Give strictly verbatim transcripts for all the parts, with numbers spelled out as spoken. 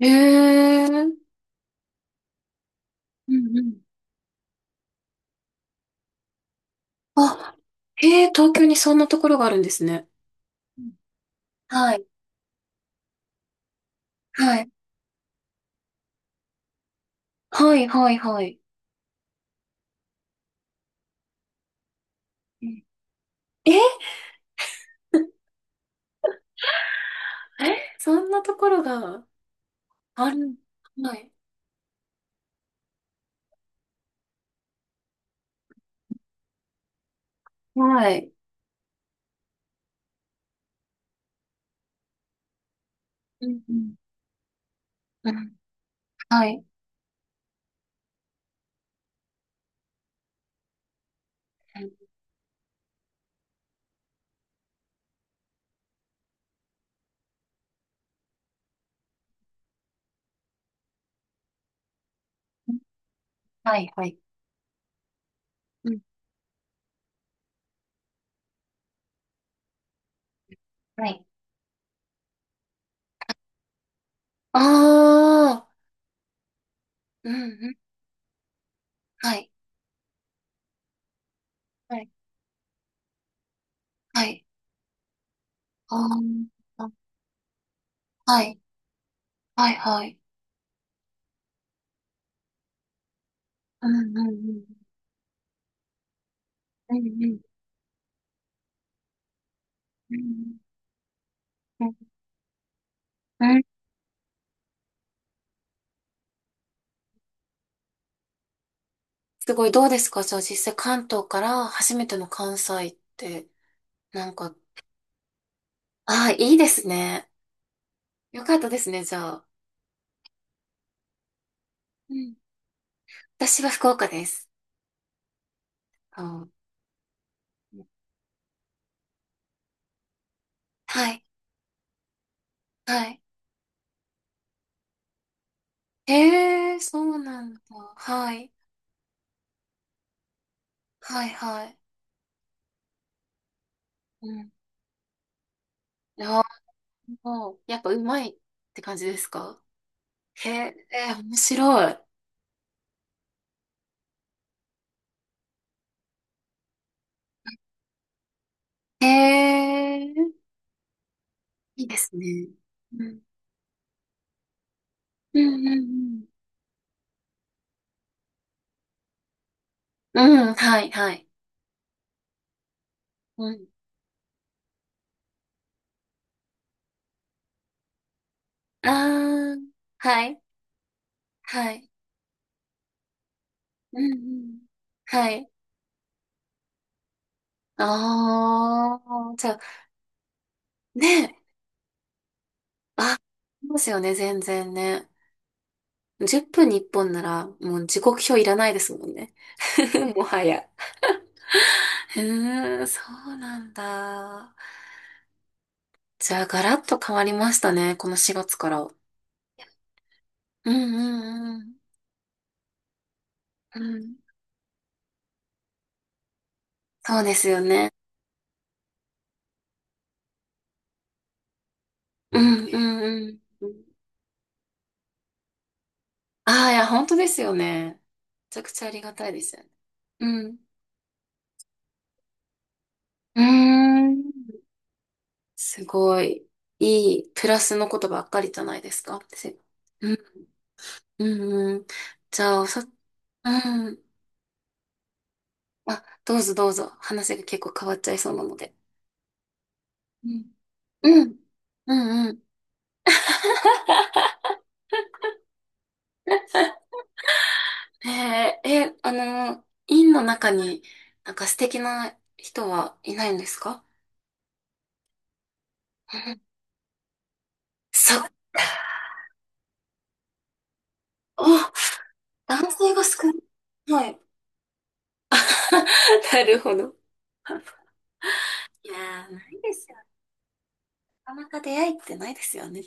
ええ、うんうん。あ、へえ、東京にそんなところがあるんですね。うん。はい、はい。はい、はい、はい。うん。え、えそんなところがある。はい。はい。うんうんうん、はい。はい、はい。うん。はい。ああ、うん、うん。はい、はい。はい。あー、あ、はい、はい、はい。うん、うん、うん。うん、うん。うん、うん。うん。すごい、どうですか、じゃあ実際関東から初めての関西って、なんか。ああ、いいですね。よかったですね、じゃあ。うん。私は福岡です。あー、はい、はい。へえ、そうなんだ。はい、はい、はい。うん。ああ、やっぱうまいって感じですか？へえ、面白い。へえ、いいですね。うん、うん、うん、うん。うん、はい、はい。うん。ああ、はい、はい。うんうん。はい。ああ、じゃあ、ね、あ、そうですよね、全然ね。じゅっぷんにいっぽんなら、もう時刻表いらないですもんね。もはや。うーん、そうなんだ。じゃあ、ガラッと変わりましたね、このしがつから。うんうんうん。うん、そうですよね。うんうんうんうん。ああ、いや、本当ですよね。めちゃくちゃありがたいですよね。うん。うーん。すごい、いい、プラスのことばっかりじゃないですか。せうん、うん、うん。じゃあ、さ、うん。あ、どうぞどうぞ。話が結構変わっちゃいそうなので。うん。うん。うんうん。えー、え、あの、院の中になんか素敵な人はいないんですか？うん。 そっお、男性が少ない。はい。なるほど。いやー、ないですよ。なかなか出会いってないですよね。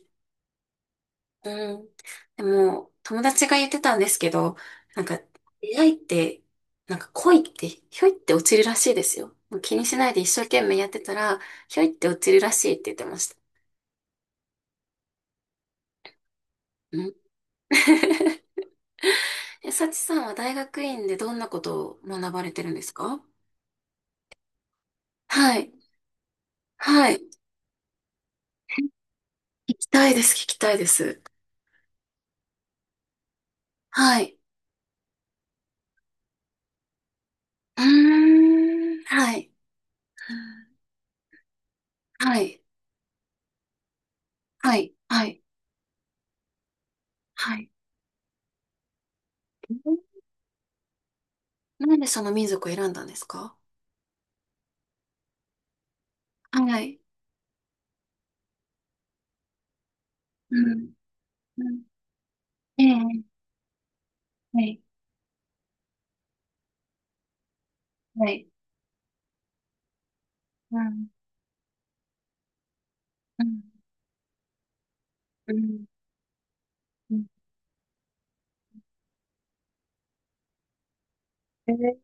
うん。でも、友達が言ってたんですけど、なんか、出会いって、なんか恋って、ひょいって落ちるらしいですよ。もう気にしないで一生懸命やってたら、ひょいって落ちるらしいって言ってました。うん。 え、サチさんは大学院でどんなことを学ばれてるんですか？はい。はい。聞きたいです、聞きたいです。はい。うーん。はい。はい。はい。はい。はい。なんでその民族を選んだんですか？はい。うん。うん。ええ、はい、はい。うん、うん、うん、うん。えー、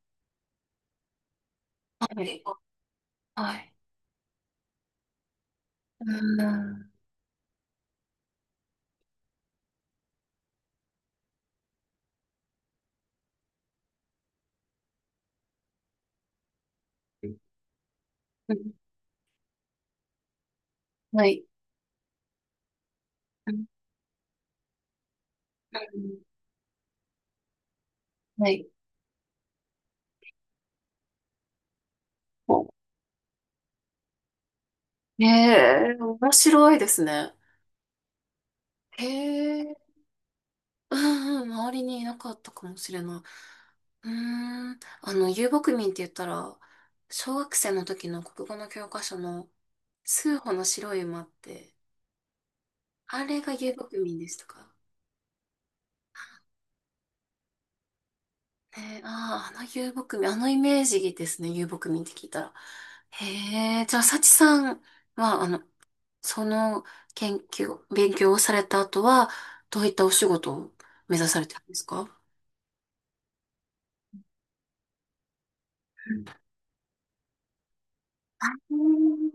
はい、はい。うん、うん、はい。うん、うん。はい。ええ、面白いですね。へえ。うんうん、周りにいなかったかもしれない。うーん、あの、遊牧民って言ったら、小学生の時の国語の教科書の、数歩の白い馬って、あれが遊牧民でしたか？えー、ああ、あの遊牧民、あのイメージですね、遊牧民って聞いたら。へえ、じゃあ、幸さんは、あの、その研究、勉強をされた後は、どういったお仕事を目指されてるんですか？うん。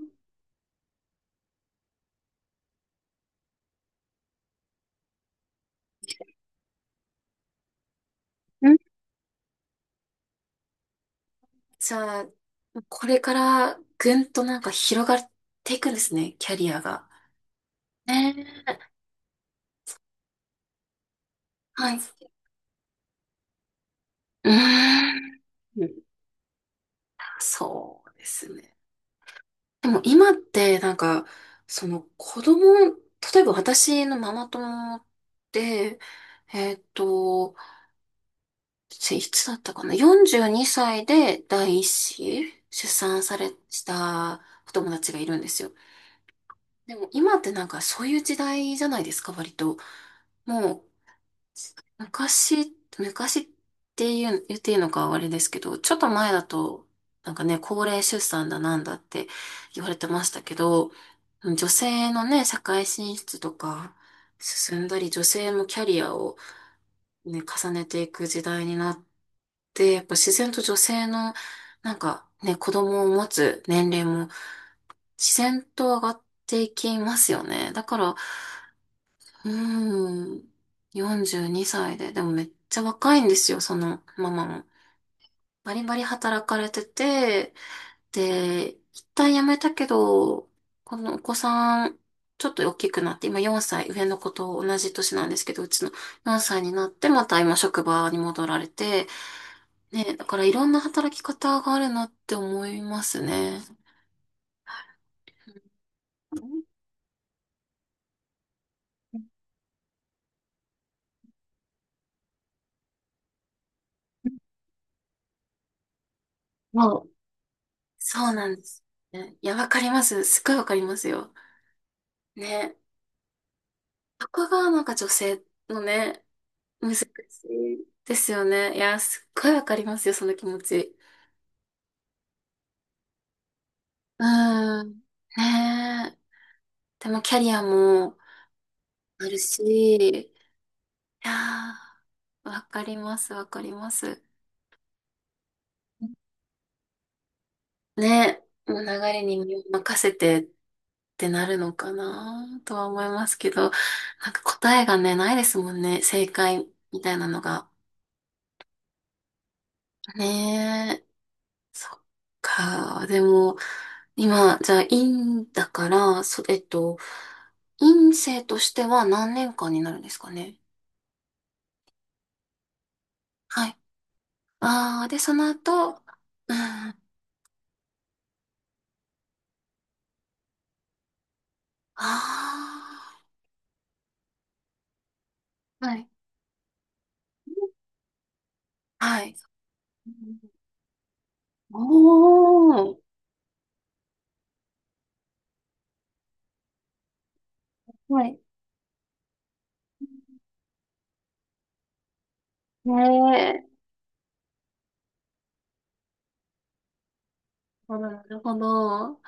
うん。じゃあ、これからぐんとなんか広がっていくんですね、キャリアが。ねえ。はい。うーん。そうですね。でも今ってなんか、その子供、例えば私のママ友で、えっと、いつだったかな？ よんじゅうに 歳で第一子出産され、したお友達がいるんですよ。でも今ってなんかそういう時代じゃないですか、割と。もう昔、昔っていう、言っていいのかあれですけど、ちょっと前だと、なんかね、高齢出産だなんだって言われてましたけど、女性のね、社会進出とか進んだり、女性もキャリアをね、重ねていく時代になって、やっぱ自然と女性の、なんかね、子供を持つ年齢も自然と上がっていきますよね。だから、うん。よんじゅうにさいで。でもめっちゃ若いんですよ、そのママも。バリバリ働かれてて、で、一旦辞めたけど、このお子さん、ちょっと大きくなって、今よんさい、上の子と同じ年なんですけど、うちのよんさいになって、また今職場に戻られて、ね、だからいろんな働き方があるなって思いますね。もう、そうなんです。ね、いや、わかります。すっごいわかりますよ。ね。そこがなんか女性のね、難しいですよね。いや、すっごいわかりますよ、その気持ち。うん。ねえ。でもキャリアもあるし、いやー、わかります、わかります。ねえ、もう流れに身を任せてってなるのかなとは思いますけど、なんか答えがね、ないですもんね、正解みたいなのが。ねえ。そっか。でも、今、じゃあ、院だから、そ、えっと、院生としては何年間になるんですかね。はい。ああ、で、その後、うん。ああ、はい。はい。おー。はい。ねえ。なるほど。なるほど。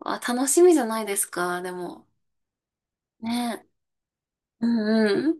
あ、楽しみじゃないですか、でも。ねえ。うんうん。